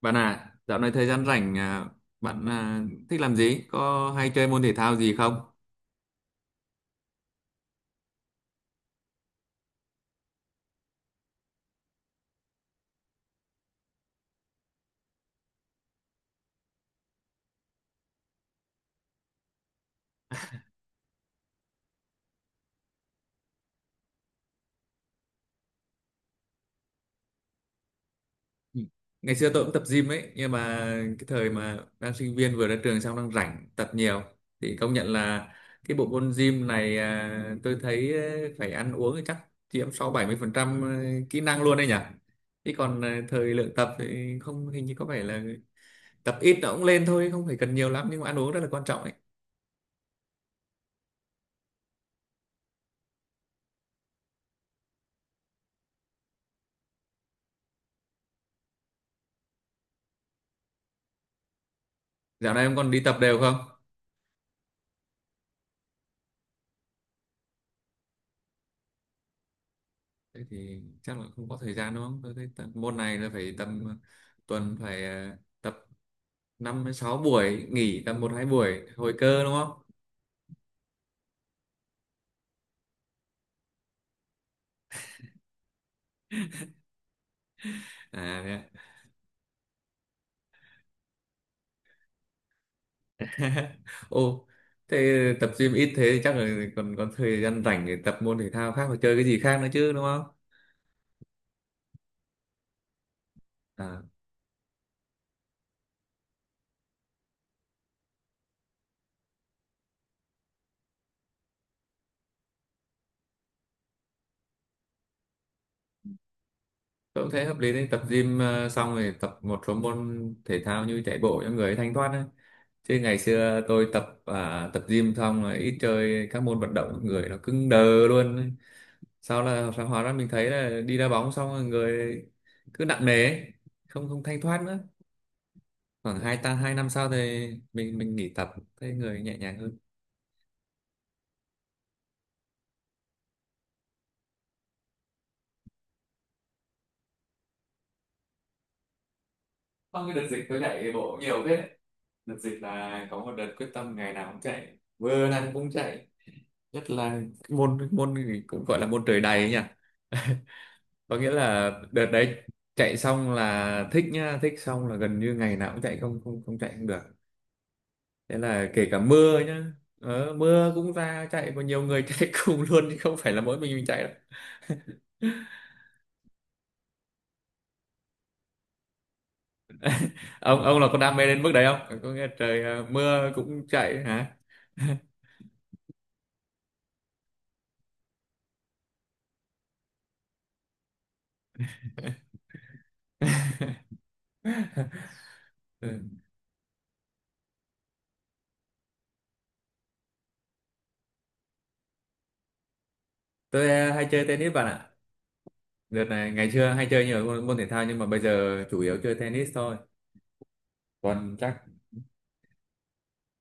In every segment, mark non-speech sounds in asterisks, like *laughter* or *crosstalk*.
Bạn à, dạo này thời gian rảnh à, bạn à, thích làm gì? Có hay chơi môn thể thao gì không? Ừ. Ngày xưa tôi cũng tập gym ấy, nhưng mà cái thời mà đang sinh viên vừa ra trường xong đang rảnh tập nhiều thì công nhận là cái bộ môn gym này à, tôi thấy phải ăn uống thì chắc chiếm sáu bảy mươi phần trăm à, kỹ năng luôn đấy nhỉ. Chứ còn thời lượng tập thì không, hình như có vẻ là tập ít nó cũng lên thôi, không phải cần nhiều lắm, nhưng mà ăn uống rất là quan trọng ấy. Dạo này em còn đi tập đều không? Thế thì chắc là không có thời gian đúng không, tôi thấy tập, môn này là phải tầm tuần phải tập năm đến sáu buổi, nghỉ tầm một hai buổi hồi cơ đúng không. À thế ạ. *laughs* Ô, thế tập gym ít thế thì chắc là còn còn thời gian rảnh để tập môn thể thao khác và chơi cái gì khác nữa chứ đúng không. À, tôi cũng thấy hợp lý đấy, tập gym xong rồi tập một số môn thể thao như chạy bộ cho người thanh thoát ấy. Chứ ngày xưa tôi tập à, tập gym xong rồi ít chơi các môn vận động, người nó cứng đờ luôn ấy. Sau là phải hóa ra mình thấy là đi đá bóng xong rồi người cứ nặng nề ấy, không không thanh thoát nữa, khoảng hai ta hai năm sau thì mình nghỉ tập, thấy người nhẹ nhàng hơn. Sau cái đợt dịch tôi chạy bộ nhiều thế, đợt dịch là có một đợt quyết tâm ngày nào cũng chạy, vừa nào cũng chạy, nhất là môn môn cũng gọi là môn trời đầy ấy nhỉ. *laughs* Có nghĩa là đợt đấy chạy xong là thích nhá, thích xong là gần như ngày nào cũng chạy, không không không chạy không được. Thế là kể cả mưa nhá, mưa cũng ra chạy, và nhiều người chạy *laughs* cùng luôn chứ không phải là mỗi mình chạy đâu. *laughs* Ông là có đam mê đến mức đấy không, có nghe trời à, mưa cũng chạy hả? *laughs* Ừ. Tôi à, hay chơi tennis bạn ạ, đợt này ngày xưa hay chơi nhiều môn, môn thể thao, nhưng mà bây giờ chủ yếu chơi tennis thôi. Còn chắc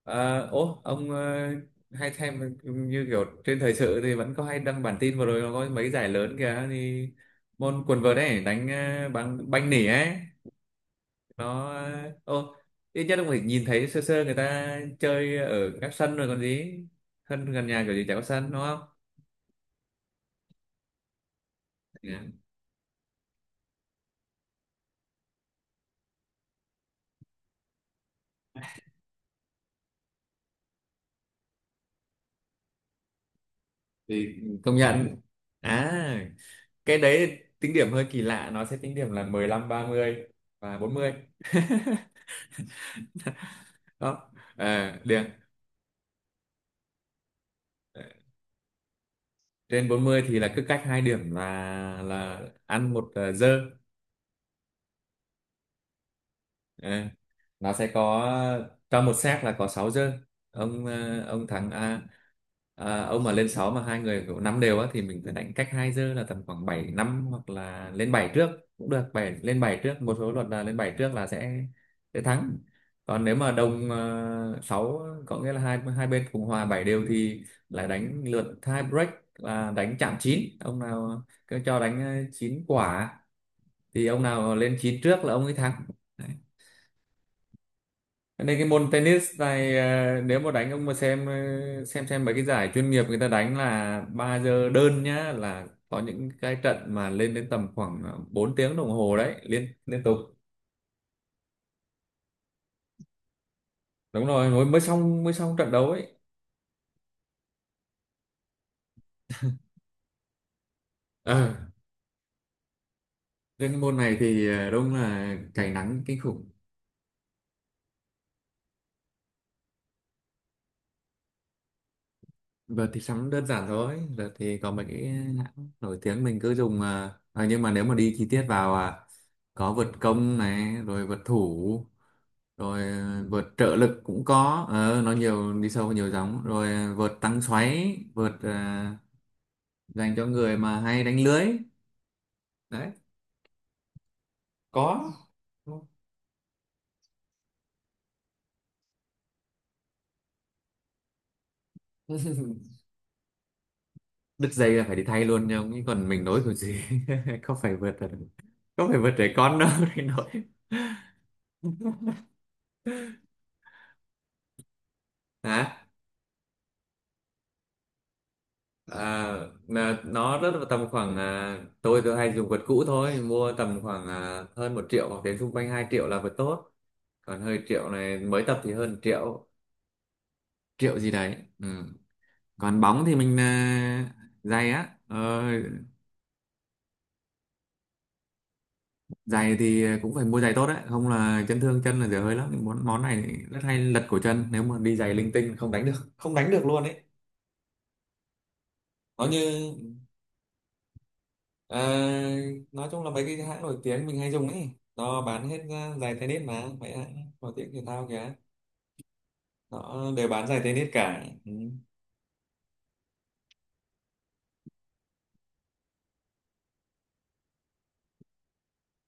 Ờ, ố ông hay xem như kiểu trên thời sự thì vẫn có hay đăng bản tin, vừa rồi nó có mấy giải lớn kìa, thì môn quần vợt ấy đánh bằng banh nỉ ấy, nó ờ, ô ít nhất ông phải nhìn thấy sơ sơ người ta chơi ở các sân rồi còn gì, sân gần nhà kiểu gì chả có sân đúng không. Dạ. Thì công nhận à, cái đấy tính điểm hơi kỳ lạ, nó sẽ tính điểm là mười lăm, ba mươi và bốn mươi. *laughs* Đó, à, được, trên 40 thì là cứ cách hai điểm là là ăn một dơ. Ờ, nó sẽ có trong một set là có 6 giơ, ông thắng à, à, ông mà lên 6 mà hai người kiểu năm đều á thì mình phải đánh cách hai giơ, là tầm khoảng bảy năm hoặc là lên 7 trước cũng được, bảy lên 7 trước, một số luật là lên 7 trước là sẽ thắng. Còn nếu mà đồng 6, có nghĩa là hai hai bên cùng hòa 7 đều thì lại đánh lượt tie break, là đánh chạm chín, ông nào cứ cho đánh 9 quả thì ông nào lên 9 trước là ông ấy thắng. Nên cái môn tennis này nếu mà đánh ông mà xem xem mấy cái giải chuyên nghiệp người ta đánh là 3 giờ đơn nhá, là có những cái trận mà lên đến tầm khoảng 4 tiếng đồng hồ đấy, liên liên tục. Đúng rồi, mới mới xong, mới xong trận đấu ấy. Ờ, riêng cái môn này thì đúng là cháy nắng kinh khủng. Giờ thì sắm đơn giản thôi, giờ thì có mấy cái hãng nổi tiếng mình cứ dùng nhưng mà nếu mà đi chi tiết vào à, có vượt công này, rồi vượt thủ, rồi vượt trợ lực cũng có, nó nhiều, đi sâu vào nhiều giống, rồi vượt tăng xoáy, vượt dành cho người mà hay đánh lưới đấy, có. *laughs* Đứt dây là phải đi thay luôn, nhưng chứ còn mình nối kiểu gì. *laughs* Không phải vượt, không phải vượt trẻ con đâu *laughs* để nối. Hả? À, là nó rất là tầm khoảng à, tôi hay dùng vượt cũ thôi, mua tầm khoảng à, hơn 1 triệu hoặc đến xung quanh 2 triệu là vượt tốt, còn hơi triệu này mới tập thì hơn triệu, triệu gì đấy ừ. Còn bóng thì mình à, giày á ờ, giày thì cũng phải mua giày tốt đấy, không là chấn thương chân là dở hơi lắm, món món này thì rất hay lật cổ chân, nếu mà đi giày linh tinh không đánh được, không đánh được luôn ấy. Nó như ờ, nói chung là mấy cái hãng nổi tiếng mình hay dùng ấy, nó bán hết ra giày tennis mà, mấy hãng nổi tiếng thể thao kìa nó đều bán giày tennis cả ừ.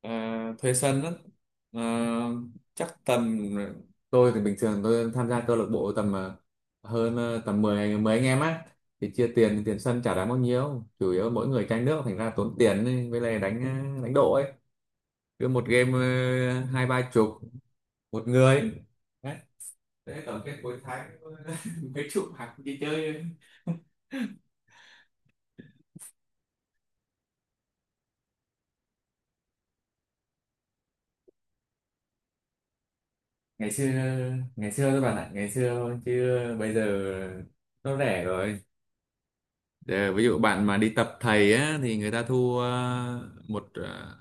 Ờ, thuê sân á, Ờ, chắc tầm tôi thì bình thường tôi tham gia câu lạc bộ tầm tầm 10 anh 10 anh em á, thì chia tiền, tiền sân chả đáng bao nhiêu, chủ yếu mỗi người chai nước thành ra tốn tiền ấy, với lại đánh đánh độ ấy, cứ một game hai ba chục một người đấy, thế tổng kết cuối tháng *laughs* mấy chục hàng đi chơi. Ngày xưa, ngày xưa các bạn ạ, ngày xưa chứ bây giờ nó rẻ rồi. Để, ví dụ bạn mà đi tập thầy á thì người ta thu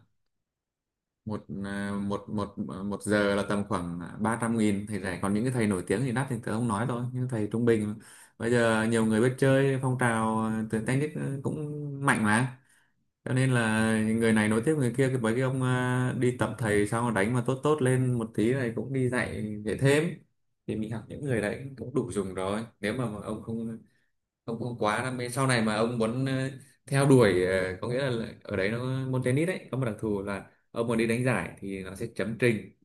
một một một giờ là tầm khoảng 300.000, Thầy rẻ, còn những cái thầy nổi tiếng thì đắt thì tớ không nói đâu, những thầy trung bình bây giờ nhiều người biết chơi, phong trào tuyển tennis cũng mạnh mà, cho nên là người này nối tiếp người kia, cái mấy cái ông đi tập thầy xong rồi đánh mà tốt tốt lên một tí này cũng đi dạy, dạy thêm, thì mình học những người đấy cũng đủ dùng rồi, nếu mà ông không, ông cũng quá đam mê sau này mà ông muốn theo đuổi có nghĩa là ở đấy nó môn tennis đấy có một đặc thù là ông muốn đi đánh giải thì nó sẽ chấm trình,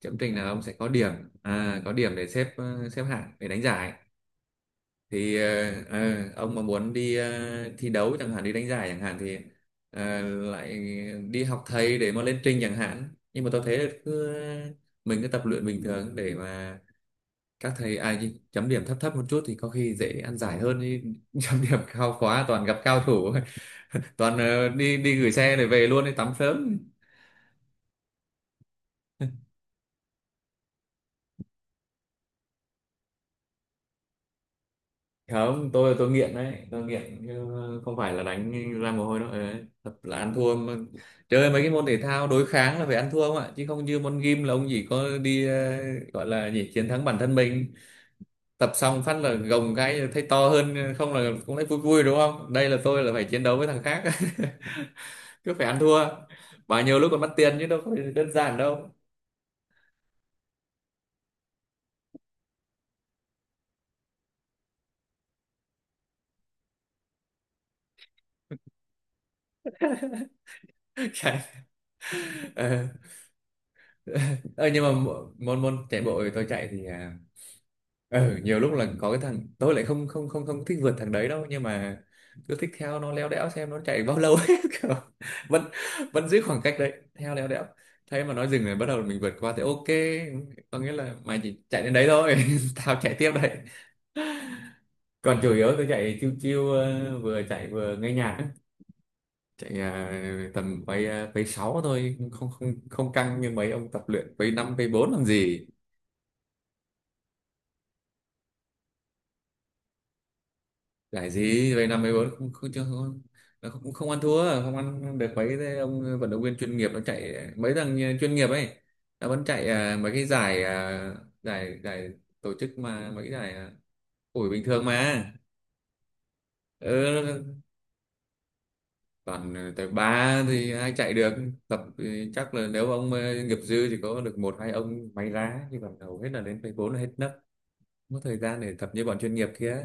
chấm trình là ông sẽ có điểm, à, có điểm để xếp xếp hạng để đánh giải, thì ông mà muốn đi thi đấu chẳng hạn, đi đánh giải chẳng hạn, thì ờ, lại đi học thầy để mà lên trình chẳng hạn, nhưng mà tôi thấy là cứ mình cứ tập luyện bình thường để mà các thầy ai chấm điểm thấp thấp một chút thì có khi dễ ăn giải hơn chứ, *laughs* chấm điểm cao quá toàn gặp cao thủ, *laughs* toàn đi đi gửi xe để về luôn, đi tắm sớm. Không, tôi nghiện đấy, tôi nghiện chứ không phải là đánh ra mồ hôi đâu. Ờ, thật là ăn thua mà. Chơi mấy cái môn thể thao đối kháng là phải ăn thua không ạ, chứ không như môn gym là ông chỉ có đi gọi là gì, chiến thắng bản thân mình, tập xong phát là gồng cái thấy to hơn không là cũng thấy vui vui đúng không, đây là tôi là phải chiến đấu với thằng khác, *laughs* cứ phải ăn thua, bao nhiêu lúc còn mất tiền chứ đâu có đơn giản đâu. *laughs* Chạy ờ Ờ, nhưng mà môn môn chạy bộ thì tôi chạy thì à, nhiều lúc là có cái thằng tôi lại không không không không thích vượt thằng đấy đâu, nhưng mà cứ thích theo nó léo đéo xem nó chạy bao lâu *laughs* ấy kiểu, vẫn vẫn giữ khoảng cách đấy theo léo đéo. Thế mà nó dừng rồi bắt đầu mình vượt qua thì ok, có nghĩa là mày chỉ chạy đến đấy thôi, *laughs* tao chạy tiếp đấy. Còn chủ yếu tôi chạy chiêu chiêu vừa chạy vừa nghe nhạc, chạy à, tầm quay à, quay 6 thôi, không không không căng như mấy ông tập luyện quay 5 quay 4 làm gì, giải gì quay 5 quay bốn, không không, chưa- không, nó cũng không ăn thua, không ăn được mấy cái ông vận động viên chuyên nghiệp, nó chạy, mấy thằng nhà chuyên nghiệp ấy nó vẫn chạy à, mấy cái giải à, giải giải tổ chức mà, mấy cái giải à, ủi bình thường mà ừ, toàn tới ba thì ai chạy được, tập thì chắc là nếu ông nghiệp dư thì có được một hai ông may ra, chứ còn hầu hết là đến phase bốn là hết nấc. Không có thời gian để tập như bọn chuyên nghiệp kia.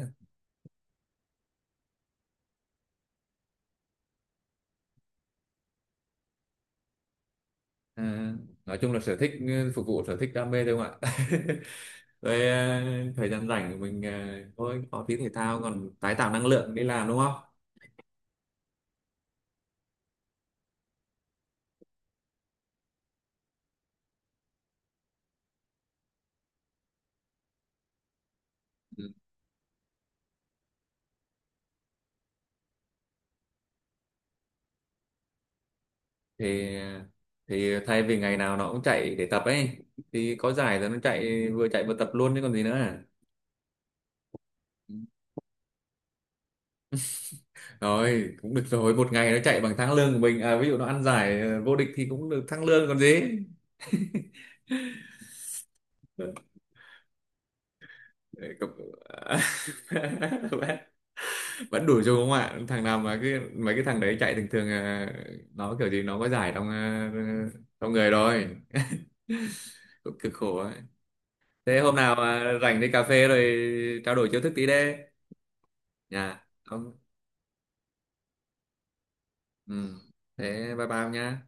À, nói chung là sở thích ừ, phục vụ sở thích đam mê thôi không ạ. *laughs* Rồi à, thời gian rảnh của mình à, thôi có tí thể thao còn tái tạo năng lượng đi làm đúng không. Ừ. thì thì thay vì ngày nào nó cũng chạy để tập ấy, thì có giải rồi nó chạy, vừa chạy vừa tập luôn chứ còn gì nữa à. Rồi cũng được rồi, một ngày nó chạy bằng tháng lương của mình à, ví dụ nó ăn giải vô địch thì cũng được tháng lương còn gì. *laughs* Đấy, cũng- *laughs* vẫn đủ dùng không ạ, thằng nào mà cái mấy cái thằng đấy chạy thường thường à, nó kiểu gì nó có giải trong à, trong người rồi, *laughs* cũng cực khổ ấy. Thế hôm nào mà rảnh đi cà phê rồi trao đổi chiêu thức tí đi nha không ừ. Thế bye bye ông nhá.